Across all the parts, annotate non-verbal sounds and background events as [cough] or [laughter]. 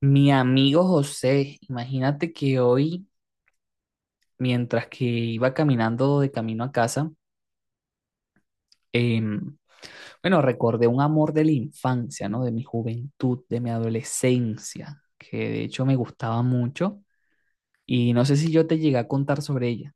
Mi amigo José, imagínate que hoy, mientras que iba caminando de camino a casa, em, bueno, recordé un amor de la infancia, ¿no? De mi juventud, de mi adolescencia, que de hecho me gustaba mucho y no sé si yo te llegué a contar sobre ella.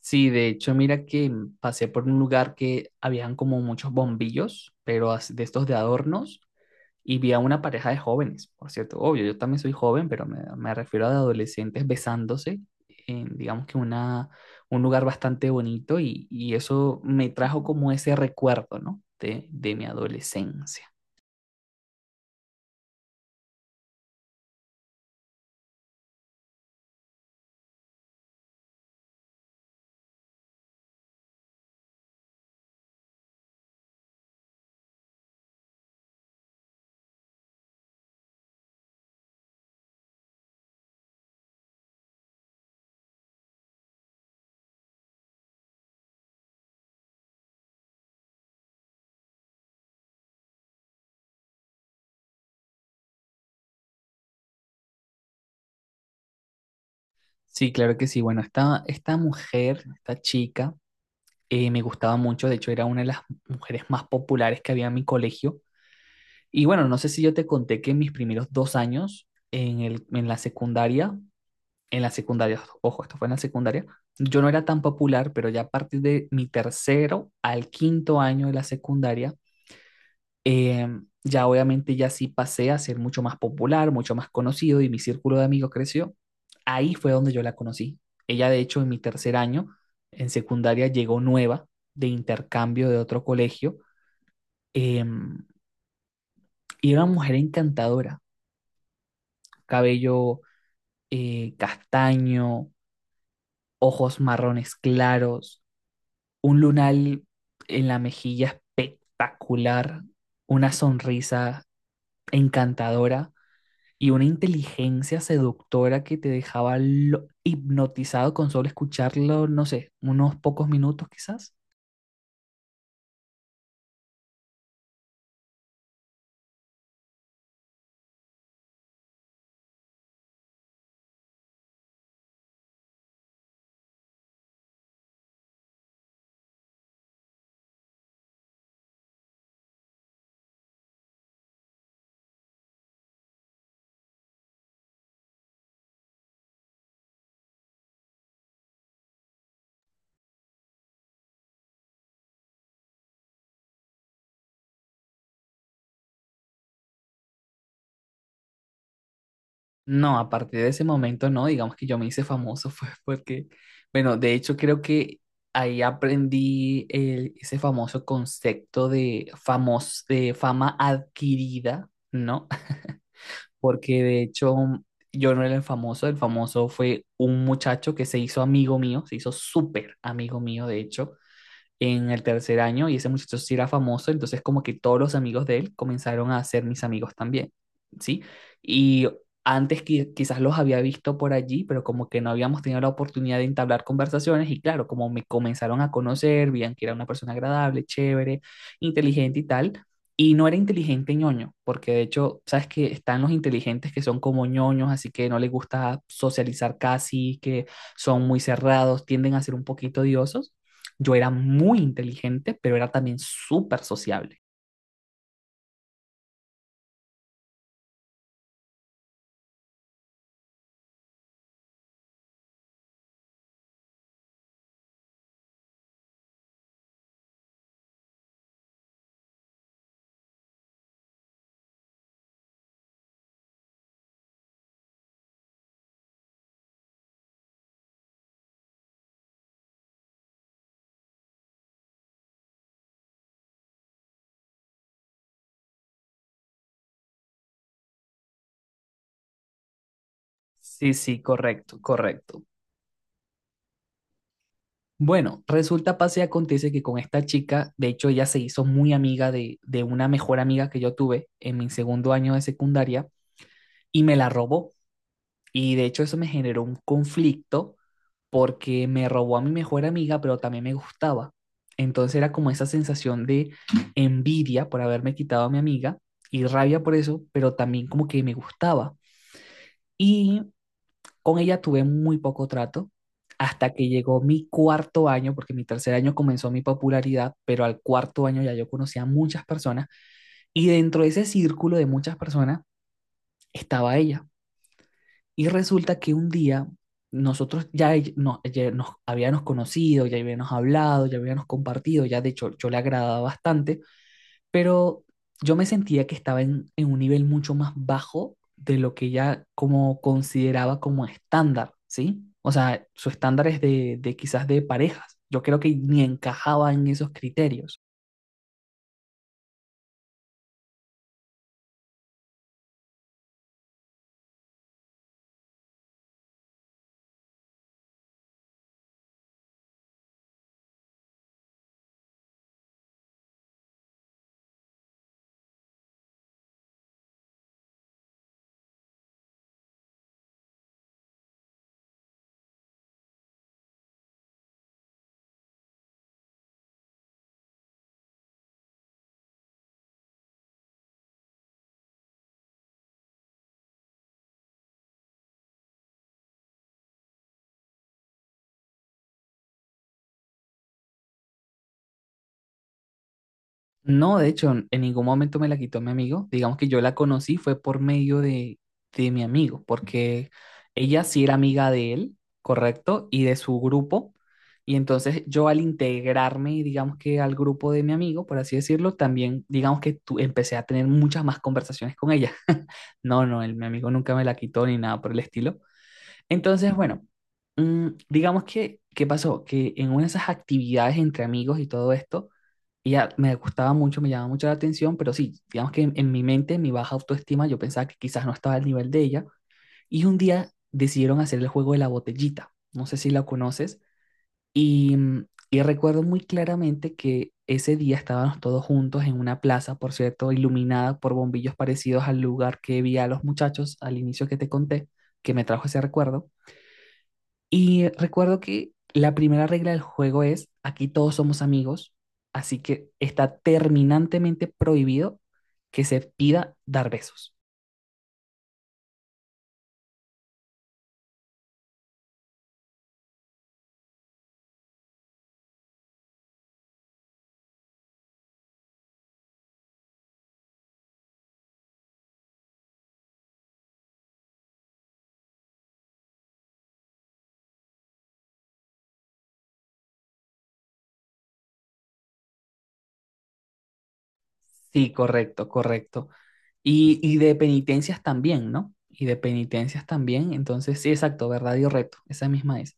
Sí, de hecho, mira que pasé por un lugar que habían como muchos bombillos, pero de estos de adornos. Y vi a una pareja de jóvenes, por cierto, obvio, yo también soy joven, pero me refiero a adolescentes besándose en, digamos que una, un lugar bastante bonito y eso me trajo como ese recuerdo, ¿no? De mi adolescencia. Sí, claro que sí. Bueno, esta mujer, esta chica, me gustaba mucho, de hecho era una de las mujeres más populares que había en mi colegio. Y bueno, no sé si yo te conté que en mis primeros dos años en, el, en la secundaria, ojo, esto fue en la secundaria, yo no era tan popular, pero ya a partir de mi tercero al quinto año de la secundaria, eh, ya obviamente ya sí pasé a ser mucho más popular, mucho más conocido y mi círculo de amigos creció. Ahí fue donde yo la conocí. Ella, de hecho, en mi tercer año, en secundaria, llegó nueva de intercambio de otro colegio, eh, y era una mujer encantadora, cabello castaño, ojos marrones claros, un lunar en la mejilla espectacular, una sonrisa encantadora y una inteligencia seductora que te dejaba hipnotizado con solo escucharlo, no sé, unos pocos minutos quizás. No, a partir de ese momento no, digamos que yo me hice famoso, [laughs] fue porque, bueno, de hecho creo que ahí aprendí ese famoso concepto de, de fama adquirida, ¿no? Porque de hecho yo no era el famoso fue un muchacho que se hizo amigo mío, se hizo súper amigo mío, de hecho, en el tercer año y ese muchacho sí era famoso, entonces como que todos los amigos de él comenzaron a ser mis amigos también, ¿sí? Y antes quizás los había visto por allí, pero como que no habíamos tenido la oportunidad de entablar conversaciones y claro, como me comenzaron a conocer, veían que era una persona agradable, chévere, inteligente y tal. Y no era inteligente ñoño, porque de hecho, sabes que están los inteligentes que son como ñoños, así que no les gusta socializar casi, que son muy cerrados, tienden a ser un poquito odiosos. Yo era muy inteligente, pero era también súper sociable. Sí, sí, correcto, correcto. Bueno, resulta, pase y acontece que con esta chica, de hecho ella se hizo muy amiga de una mejor amiga que yo tuve en mi segundo año de secundaria y me la robó. Y de hecho eso me generó un conflicto porque me robó a mi mejor amiga, pero también me gustaba. Entonces era como esa sensación de envidia por haberme quitado a mi amiga y rabia por eso, pero también como que me gustaba. Y con ella tuve muy poco trato hasta que llegó mi cuarto año, porque mi tercer año comenzó mi popularidad, pero al cuarto año ya yo conocía a muchas personas y dentro de ese círculo de muchas personas estaba ella. Y resulta que un día nosotros ya, no, ya nos habíamos conocido, ya habíamos hablado, ya habíamos compartido, ya de hecho yo le agradaba bastante, pero yo me sentía que estaba en un nivel mucho más bajo de lo que ella como consideraba como estándar, ¿sí? O sea, su estándar es de quizás de parejas. Yo creo que ni encajaba en esos criterios. No, de hecho, en ningún momento me la quitó mi amigo. Digamos que yo la conocí fue por medio de mi amigo, porque ella sí era amiga de él, correcto, y de su grupo. Y entonces yo al integrarme, digamos que al grupo de mi amigo, por así decirlo, también, digamos que empecé a tener muchas más conversaciones con ella. [laughs] No, no, el, mi amigo nunca me la quitó ni nada por el estilo. Entonces, bueno, digamos que, ¿qué pasó? Que en una de esas actividades entre amigos y todo esto, ella me gustaba mucho, me llamaba mucho la atención, pero sí, digamos que en mi mente, en mi baja autoestima, yo pensaba que quizás no estaba al nivel de ella. Y un día decidieron hacer el juego de la botellita, no sé si la conoces, y, y recuerdo muy claramente que ese día estábamos todos juntos en una plaza, por cierto, iluminada por bombillos parecidos al lugar que vi a los muchachos al inicio que te conté, que me trajo ese recuerdo. Y recuerdo que la primera regla del juego es, aquí todos somos amigos, así que está terminantemente prohibido que se pida dar besos. Sí, correcto, correcto. Y de penitencias también, ¿no? Y de penitencias también. Entonces, sí, exacto, verdad y reto, esa misma es.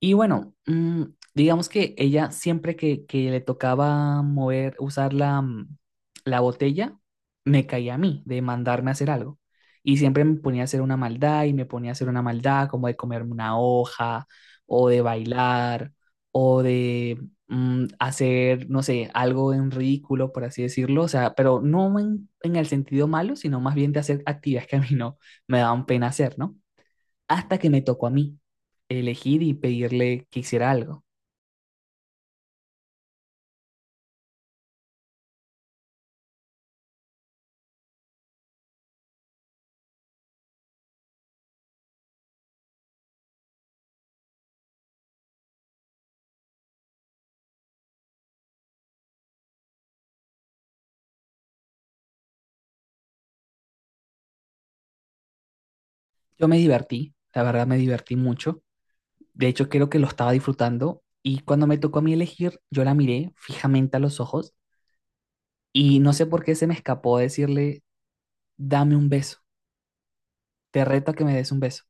Y bueno, digamos que ella siempre que le tocaba mover, usar la, la botella, me caía a mí de mandarme a hacer algo. Y siempre me ponía a hacer una maldad y me ponía a hacer una maldad como de comerme una hoja o de bailar o de hacer, no sé, algo en ridículo, por así decirlo. O sea, pero no en, en el sentido malo, sino más bien de hacer actividades que a mí no me daban pena hacer, ¿no? Hasta que me tocó a mí elegir y pedirle que hiciera algo. Yo me divertí, la verdad me divertí mucho. De hecho, creo que lo estaba disfrutando y cuando me tocó a mí elegir, yo la miré fijamente a los ojos y no sé por qué se me escapó decirle, dame un beso, te reto a que me des un beso.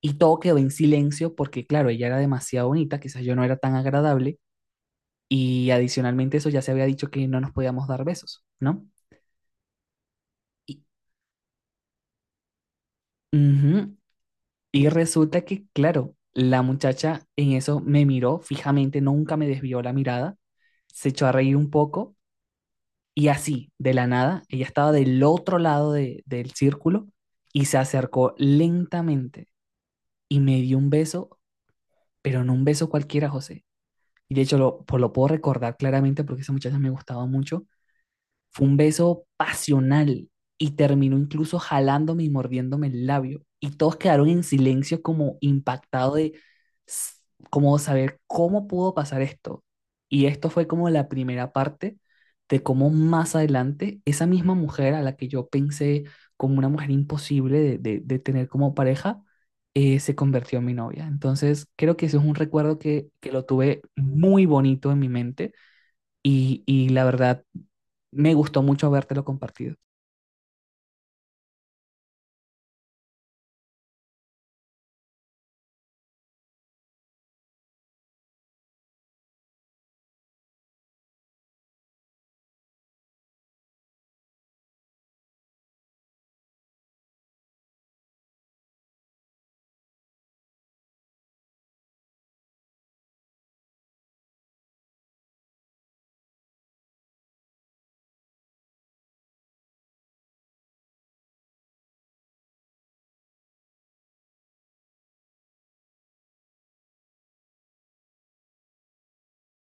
Y todo quedó en silencio porque, claro, ella era demasiado bonita, quizás yo no era tan agradable y adicionalmente eso ya se había dicho que no nos podíamos dar besos, ¿no? Y, ujú, y resulta que, claro, la muchacha en eso me miró fijamente, nunca me desvió la mirada, se echó a reír un poco y así, de la nada, ella estaba del otro lado del círculo y se acercó lentamente y me dio un beso, pero no un beso cualquiera, José. Y de hecho lo, pues lo puedo recordar claramente porque esa muchacha me gustaba mucho, fue un beso pasional y terminó incluso jalándome y mordiéndome el labio. Y todos quedaron en silencio como impactado de s- como saber cómo pudo pasar esto. Y esto fue como la primera parte de cómo más adelante esa misma mujer a la que yo pensé como una mujer imposible de, de tener como pareja, se convirtió en mi novia. Entonces creo que ese es un recuerdo que lo tuve muy bonito en mi mente y la verdad, me gustó mucho habértelo compartido.